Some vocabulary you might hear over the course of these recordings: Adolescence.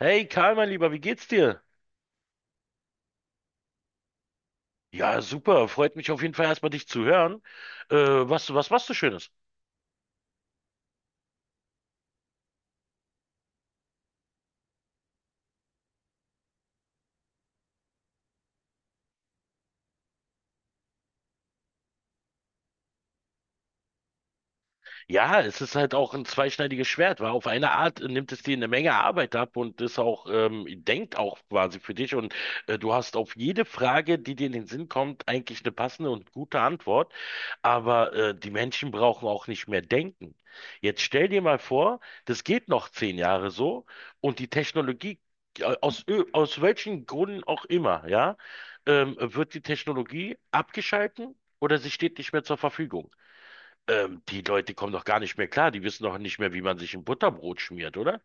Hey Karl, mein Lieber, wie geht's dir? Ja, super. Freut mich auf jeden Fall erstmal dich zu hören. Was machst du Schönes? Ja, es ist halt auch ein zweischneidiges Schwert, weil auf eine Art nimmt es dir eine Menge Arbeit ab und ist auch, denkt auch quasi für dich und du hast auf jede Frage, die dir in den Sinn kommt, eigentlich eine passende und gute Antwort. Aber die Menschen brauchen auch nicht mehr denken. Jetzt stell dir mal vor, das geht noch 10 Jahre so und die Technologie, aus welchen Gründen auch immer, ja, wird die Technologie abgeschalten oder sie steht nicht mehr zur Verfügung. Die Leute kommen doch gar nicht mehr klar. Die wissen doch nicht mehr, wie man sich ein Butterbrot schmiert, oder?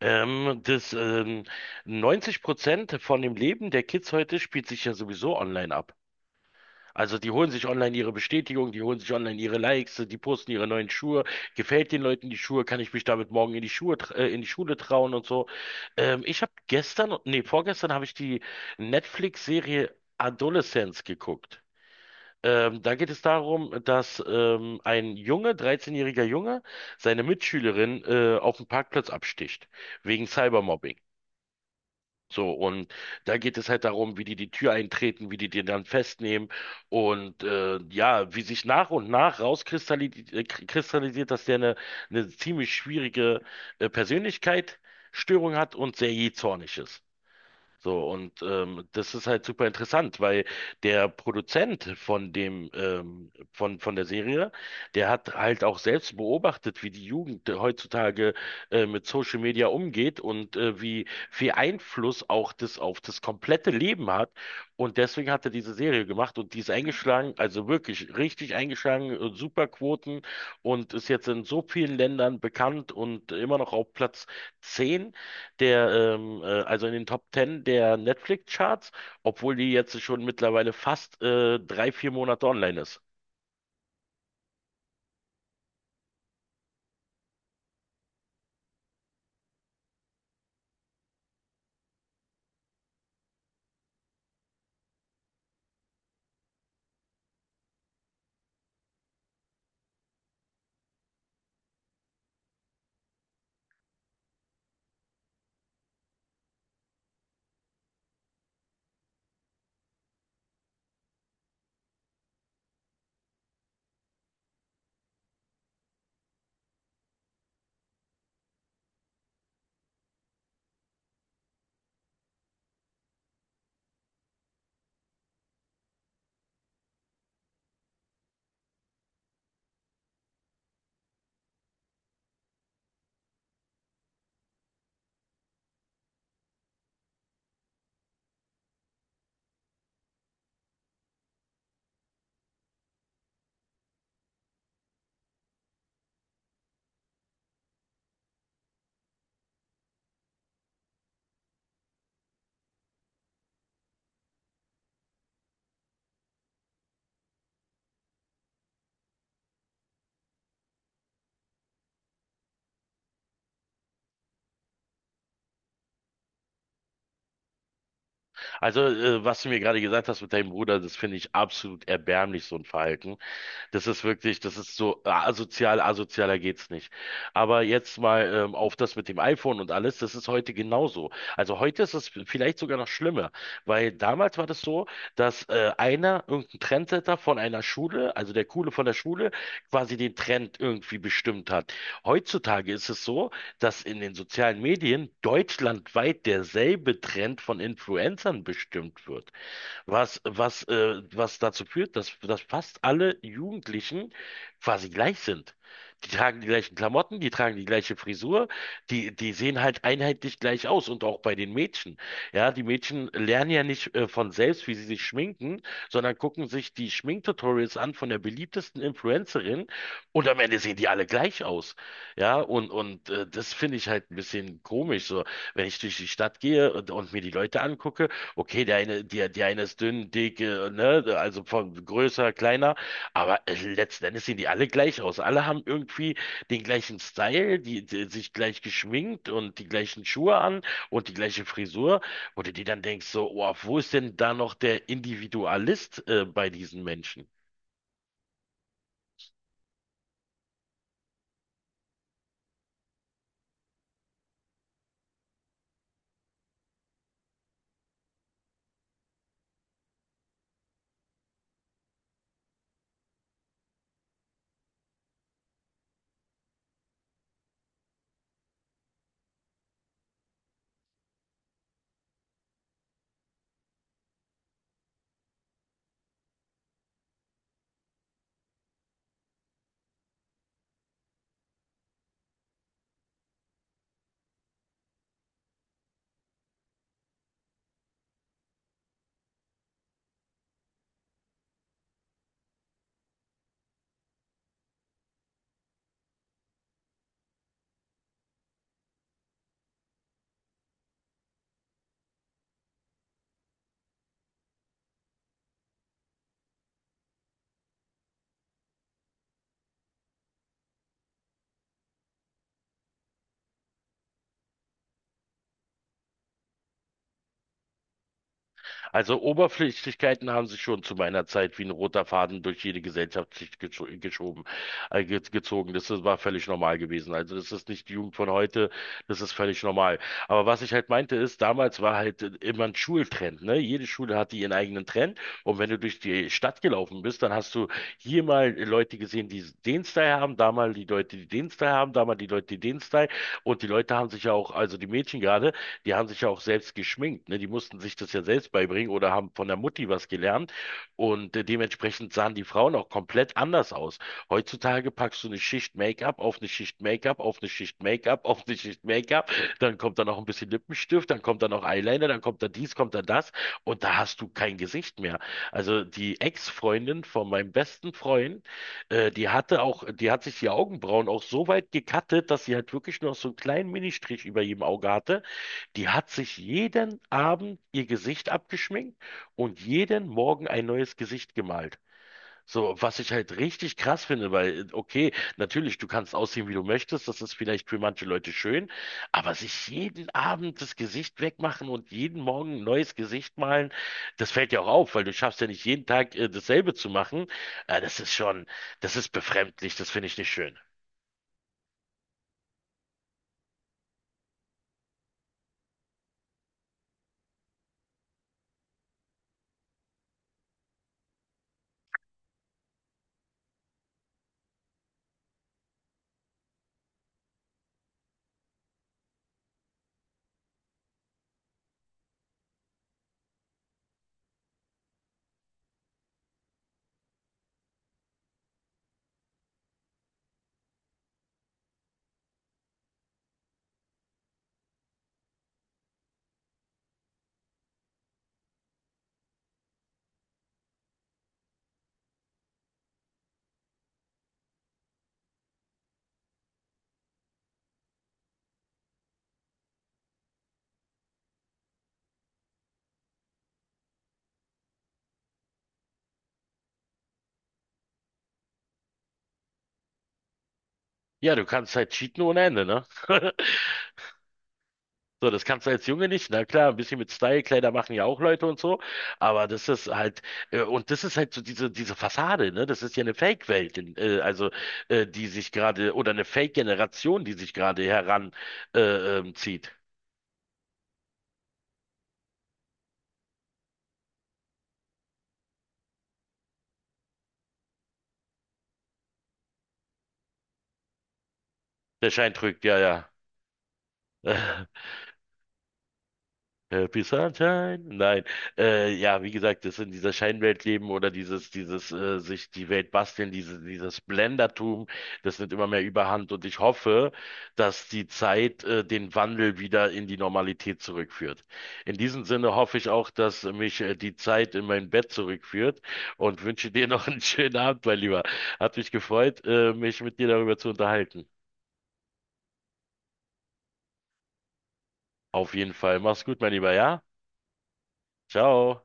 Ähm, das, ähm, 90% von dem Leben der Kids heute spielt sich ja sowieso online ab. Also die holen sich online ihre Bestätigung, die holen sich online ihre Likes, die posten ihre neuen Schuhe. Gefällt den Leuten die Schuhe? Kann ich mich damit morgen in die in die Schule trauen und so? Ich habe gestern, nee, vorgestern habe ich die Netflix-Serie Adolescence geguckt. Da geht es darum, dass ein Junge, dreizehnjähriger Junge, seine Mitschülerin auf dem Parkplatz absticht, wegen Cybermobbing. So, und da geht es halt darum, wie die die Tür eintreten, wie die den dann festnehmen und ja, wie sich nach und nach kristallisiert, dass der eine ziemlich schwierige Persönlichkeitsstörung hat und sehr jähzornig ist. So, und das ist halt super interessant, weil der Produzent von der Serie, der hat halt auch selbst beobachtet, wie die Jugend heutzutage mit Social Media umgeht und wie viel Einfluss auch das auf das komplette Leben hat. Und deswegen hat er diese Serie gemacht und die ist eingeschlagen, also wirklich richtig eingeschlagen, super Quoten und ist jetzt in so vielen Ländern bekannt und immer noch auf Platz 10 also in den Top 10 der Netflix-Charts, obwohl die jetzt schon mittlerweile fast 3, 4 Monate online ist. Also, was du mir gerade gesagt hast mit deinem Bruder, das finde ich absolut erbärmlich, so ein Verhalten. Das ist wirklich, das ist so ah, asozial, asozialer geht's nicht. Aber jetzt mal auf das mit dem iPhone und alles, das ist heute genauso. Also heute ist es vielleicht sogar noch schlimmer, weil damals war das so, dass einer, irgendein Trendsetter von einer Schule, also der Coole von der Schule, quasi den Trend irgendwie bestimmt hat. Heutzutage ist es so, dass in den sozialen Medien deutschlandweit derselbe Trend von Influencern bestimmt wird, was dazu führt, dass fast alle Jugendlichen quasi gleich sind. Die tragen die gleichen Klamotten, die tragen die gleiche Frisur, die, die sehen halt einheitlich gleich aus und auch bei den Mädchen. Ja, die Mädchen lernen ja nicht von selbst, wie sie sich schminken, sondern gucken sich die Schminktutorials an von der beliebtesten Influencerin und am Ende sehen die alle gleich aus. Ja, und das finde ich halt ein bisschen komisch, so, wenn ich durch die Stadt gehe und mir die Leute angucke. Okay, der eine, der, der eine ist dünn, dick, ne, also von größer, kleiner, aber letzten Endes sehen die alle gleich aus. Alle haben irgendwie den gleichen Style, die, die sich gleich geschminkt und die gleichen Schuhe an und die gleiche Frisur, wo du dir dann denkst, so, oh, wo ist denn da noch der Individualist bei diesen Menschen? Also Oberflächlichkeiten haben sich schon zu meiner Zeit wie ein roter Faden durch jede Gesellschaftsschicht geschoben, ge gezogen. Das ist- war völlig normal gewesen. Also das ist nicht die Jugend von heute, das ist völlig normal. Aber was ich halt meinte ist, damals war halt immer ein Schultrend, ne? Jede Schule hatte ihren eigenen Trend. Und wenn du durch die Stadt gelaufen bist, dann hast du hier mal Leute gesehen, die den Style haben, da mal die Leute, die den Style haben, da mal die Leute, die den Style. Und die Leute haben sich ja auch, also die Mädchen gerade, die haben sich ja auch selbst geschminkt, ne? Die mussten sich das ja selbst beibringen oder haben von der Mutti was gelernt und dementsprechend sahen die Frauen auch komplett anders aus. Heutzutage packst du eine Schicht Make-up auf eine Schicht Make-up auf eine Schicht Make-up auf eine Schicht Make-up, dann kommt da noch ein bisschen Lippenstift, dann kommt da noch Eyeliner, dann kommt da dies, kommt da das und da hast du kein Gesicht mehr. Also die Ex-Freundin von meinem besten Freund, die hatte auch, die hat sich die Augenbrauen auch so weit gekattet, dass sie halt wirklich noch so einen kleinen Ministrich über jedem Auge hatte. Die hat sich jeden Abend ihr Gesicht abgeschminkt und jeden Morgen ein neues Gesicht gemalt. So, was ich halt richtig krass finde, weil, okay, natürlich, du kannst aussehen, wie du möchtest, das ist vielleicht für manche Leute schön, aber sich jeden Abend das Gesicht wegmachen und jeden Morgen ein neues Gesicht malen, das fällt ja auch auf, weil du schaffst ja nicht jeden Tag dasselbe zu machen. Das ist schon, das ist befremdlich, das finde ich nicht schön. Ja, du kannst halt cheaten ohne Ende, ne? So, das kannst du als Junge nicht. Na klar, ein bisschen mit Style, Kleider machen ja auch Leute und so, aber das ist halt, und das ist halt so diese, diese Fassade, ne? Das ist ja eine Fake-Welt, also die sich gerade, oder eine Fake-Generation, die sich gerade heran zieht. Der Schein trügt, ja, ja. Happy Sunshine? Nein. Ja, wie gesagt, das in dieser Scheinwelt leben oder dieses, dieses sich die Welt basteln, diese, dieses Blendertum, das nimmt immer mehr Überhand und ich hoffe, dass die Zeit, den Wandel wieder in die Normalität zurückführt. In diesem Sinne hoffe ich auch, dass mich, die Zeit in mein Bett zurückführt und wünsche dir noch einen schönen Abend, mein Lieber. Hat mich gefreut, mich mit dir darüber zu unterhalten. Auf jeden Fall. Mach's gut, mein Lieber, ja? Ciao.